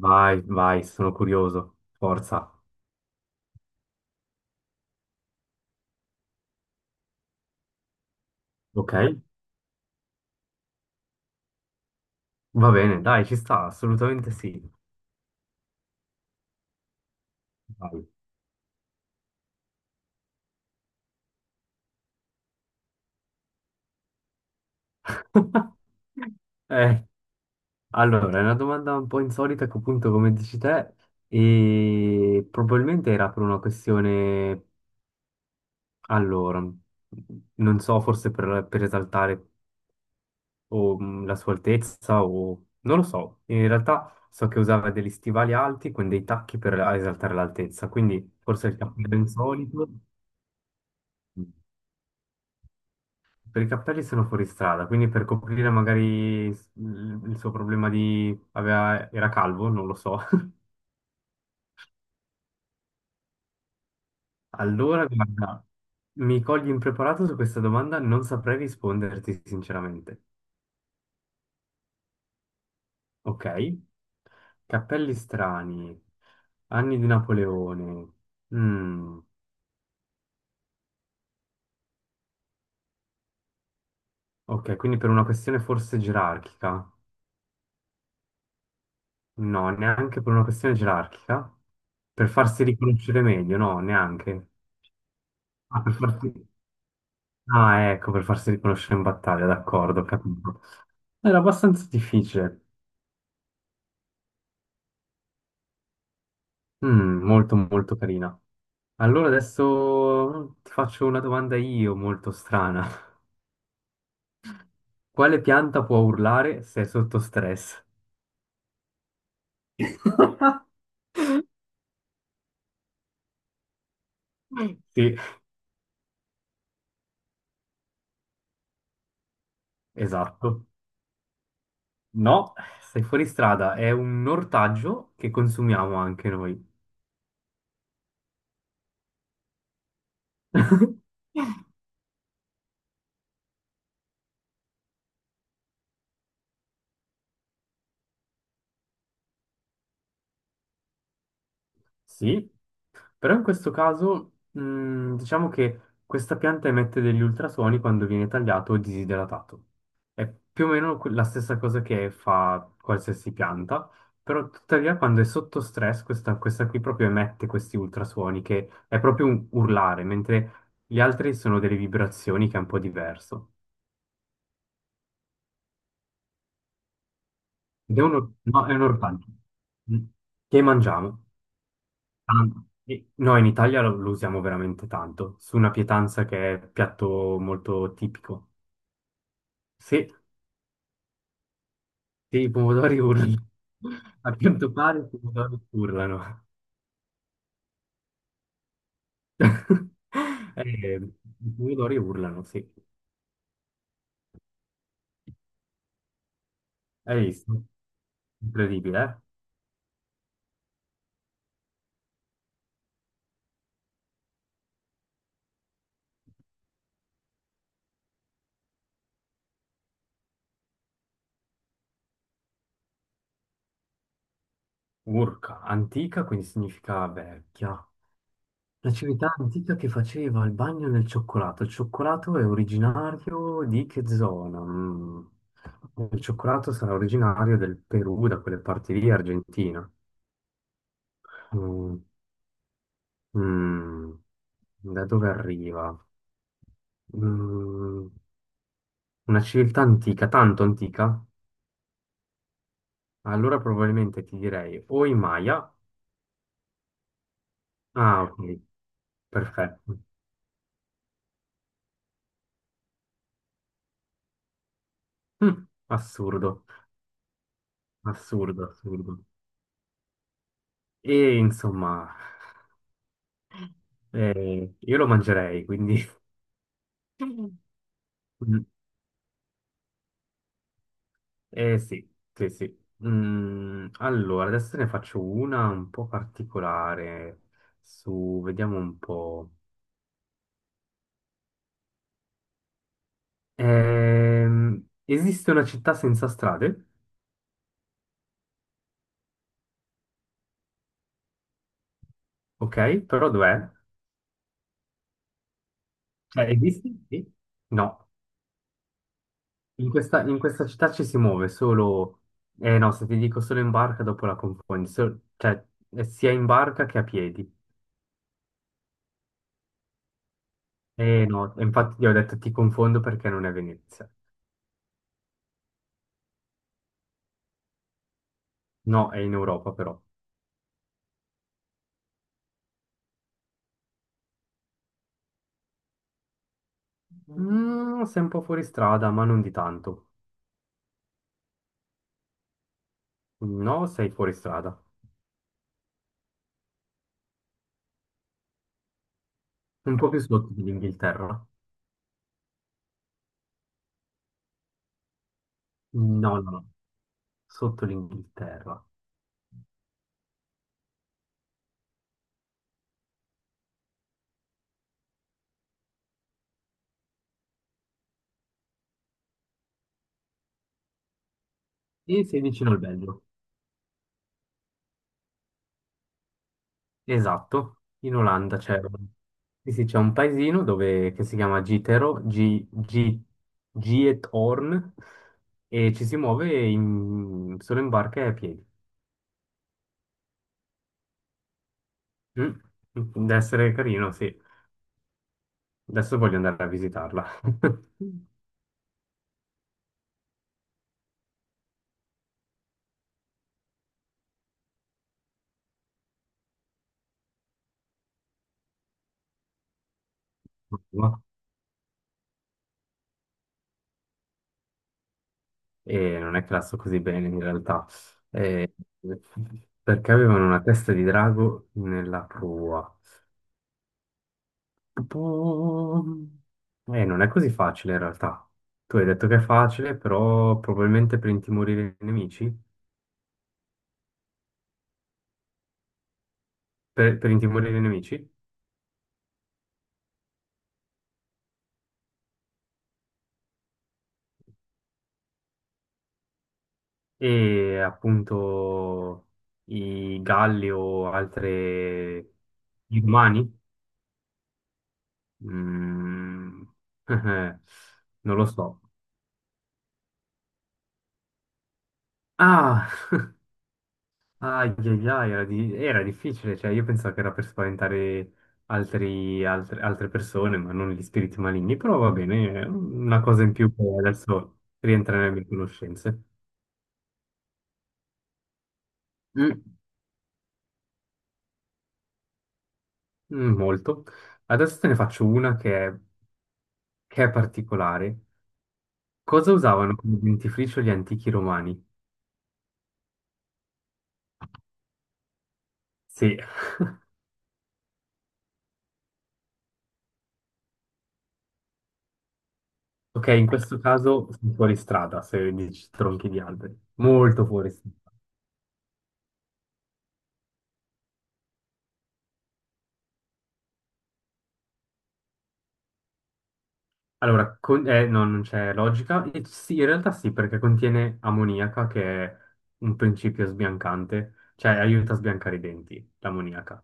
Vai, vai, sono curioso. Forza. Ok? Va bene, dai, ci sta, assolutamente sì. Vai. Eh, allora, è una domanda un po' insolita che appunto, come dici te, e probabilmente era per una questione, allora, non so, forse per esaltare la sua altezza o... non lo so. In realtà so che usava degli stivali alti con dei tacchi per esaltare l'altezza, quindi forse il cappello insolito. Per i cappelli sono fuori strada, quindi per coprire magari il suo problema di... era calvo, non lo so. Allora, guarda, mi cogli impreparato su questa domanda, non saprei risponderti sinceramente. Ok? Cappelli strani, anni di Napoleone. Mm, ok, quindi per una questione forse gerarchica? No, neanche per una questione gerarchica. Per farsi riconoscere meglio, no, neanche. Ah, per farsi- Ah, ecco, per farsi riconoscere in battaglia, d'accordo, ho capito. Era abbastanza difficile. Mm, molto, molto carina. Allora adesso ti faccio una domanda io, molto strana. Quale pianta può urlare se è sotto stress? Sì, esatto. No, sei fuori strada, è un ortaggio che consumiamo anche noi. Sì, però in questo caso diciamo che questa pianta emette degli ultrasuoni quando viene tagliato o disidratato. È più o meno la stessa cosa che fa qualsiasi pianta, però tuttavia quando è sotto stress questa qui proprio emette questi ultrasuoni che è proprio un urlare, mentre gli altri sono delle vibrazioni che è un po' diverso. Ed è no, è un ortaggio mm, che mangiamo. Tanto. No, in Italia lo usiamo veramente tanto, su una pietanza che è piatto molto tipico. Sì, sì, i pomodori urlano. A quanto pare i pomodori urlano. Eh, i pomodori urlano, sì. Hai visto? Incredibile, eh? Urca, antica, quindi significa vecchia. La civiltà antica che faceva il bagno nel cioccolato. Il cioccolato è originario di che zona? Mm. Il cioccolato sarà originario del Perù, da quelle parti lì, Argentina. Mm. Mm. Da dove arriva? Mm. Una civiltà antica, tanto antica? Allora probabilmente ti direi o i Maya. Ah, ok, perfetto. Mm. Assurdo, assurdo, assurdo. E insomma. Io lo mangerei, quindi... Mm, eh sì, sì, sì. Allora, adesso ne faccio una un po' particolare. Su, vediamo un po'. Esiste una città senza strade, ok? Però dov'è? Cioè, esiste? Sì. No. In in questa città ci si muove solo... Eh no, se ti dico solo in barca, dopo la confondi. Cioè, sia in barca che a piedi. Eh no, infatti io ho detto ti confondo perché non è Venezia. No, è in Europa però. Mm, sei un po' fuori strada, ma non di tanto. No, sei fuori strada. Un po' più sotto dell'Inghilterra. No, no, no. Sotto l'Inghilterra. E sei vicino al Belgio. Esatto. In Olanda c'è sì, sì, c'è un paesino dove, che si chiama Gitero, G, G, Giethoorn, e ci si muove solo in barca e a piedi. Mm, deve essere carino, sì. Adesso voglio andare a visitarla. E non è classo così bene in realtà, eh, perché avevano una testa di drago nella prua. Tipo, non è così facile in realtà. Tu hai detto che è facile, però probabilmente per intimorire i nemici, per intimorire i nemici e appunto i galli o altre gli umani? Mm, non lo so. Ah, ai, ai, ai, era difficile, cioè io pensavo che era per spaventare altre persone, ma non gli spiriti maligni, però va bene, è una cosa in più che adesso rientra nelle mie conoscenze. Mm, mm, molto. Adesso te ne faccio una che è particolare. Cosa usavano come dentifricio gli antichi romani? Sì, ok, in questo caso sono fuori strada, se dici tronchi di alberi, molto fuori strada. Allora, no, non c'è logica. E sì, in realtà sì, perché contiene ammoniaca, che è un principio sbiancante, cioè aiuta a sbiancare i denti, l'ammoniaca.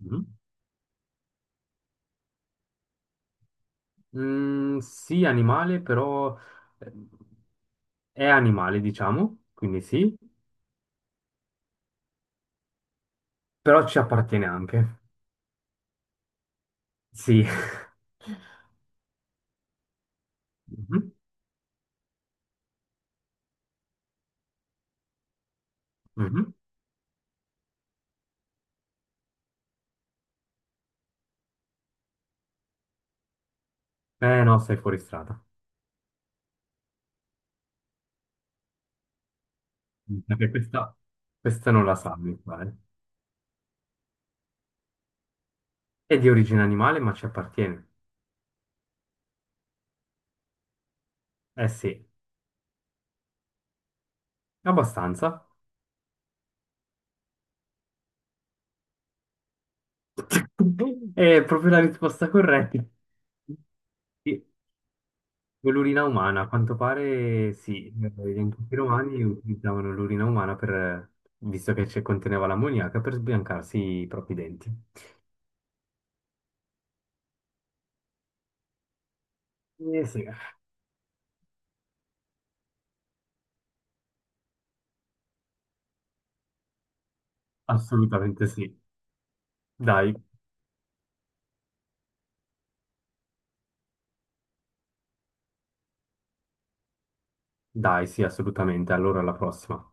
Mhm. Mm, sì, animale, però eh, è animale, diciamo, quindi sì, però ci appartiene anche. Sì. Mhm, mhm. Eh no, sei fuori strada. Perché questa non la sa, mi pare. È di origine animale, ma ci appartiene. Eh sì, abbastanza. È proprio la risposta corretta. Sì, l'urina umana, a quanto pare sì, gli antichi romani utilizzavano l'urina umana visto che ci conteneva l'ammoniaca, per sbiancarsi i propri denti. Eh sì, assolutamente sì. Dai, dai, sì, assolutamente. Allora alla prossima.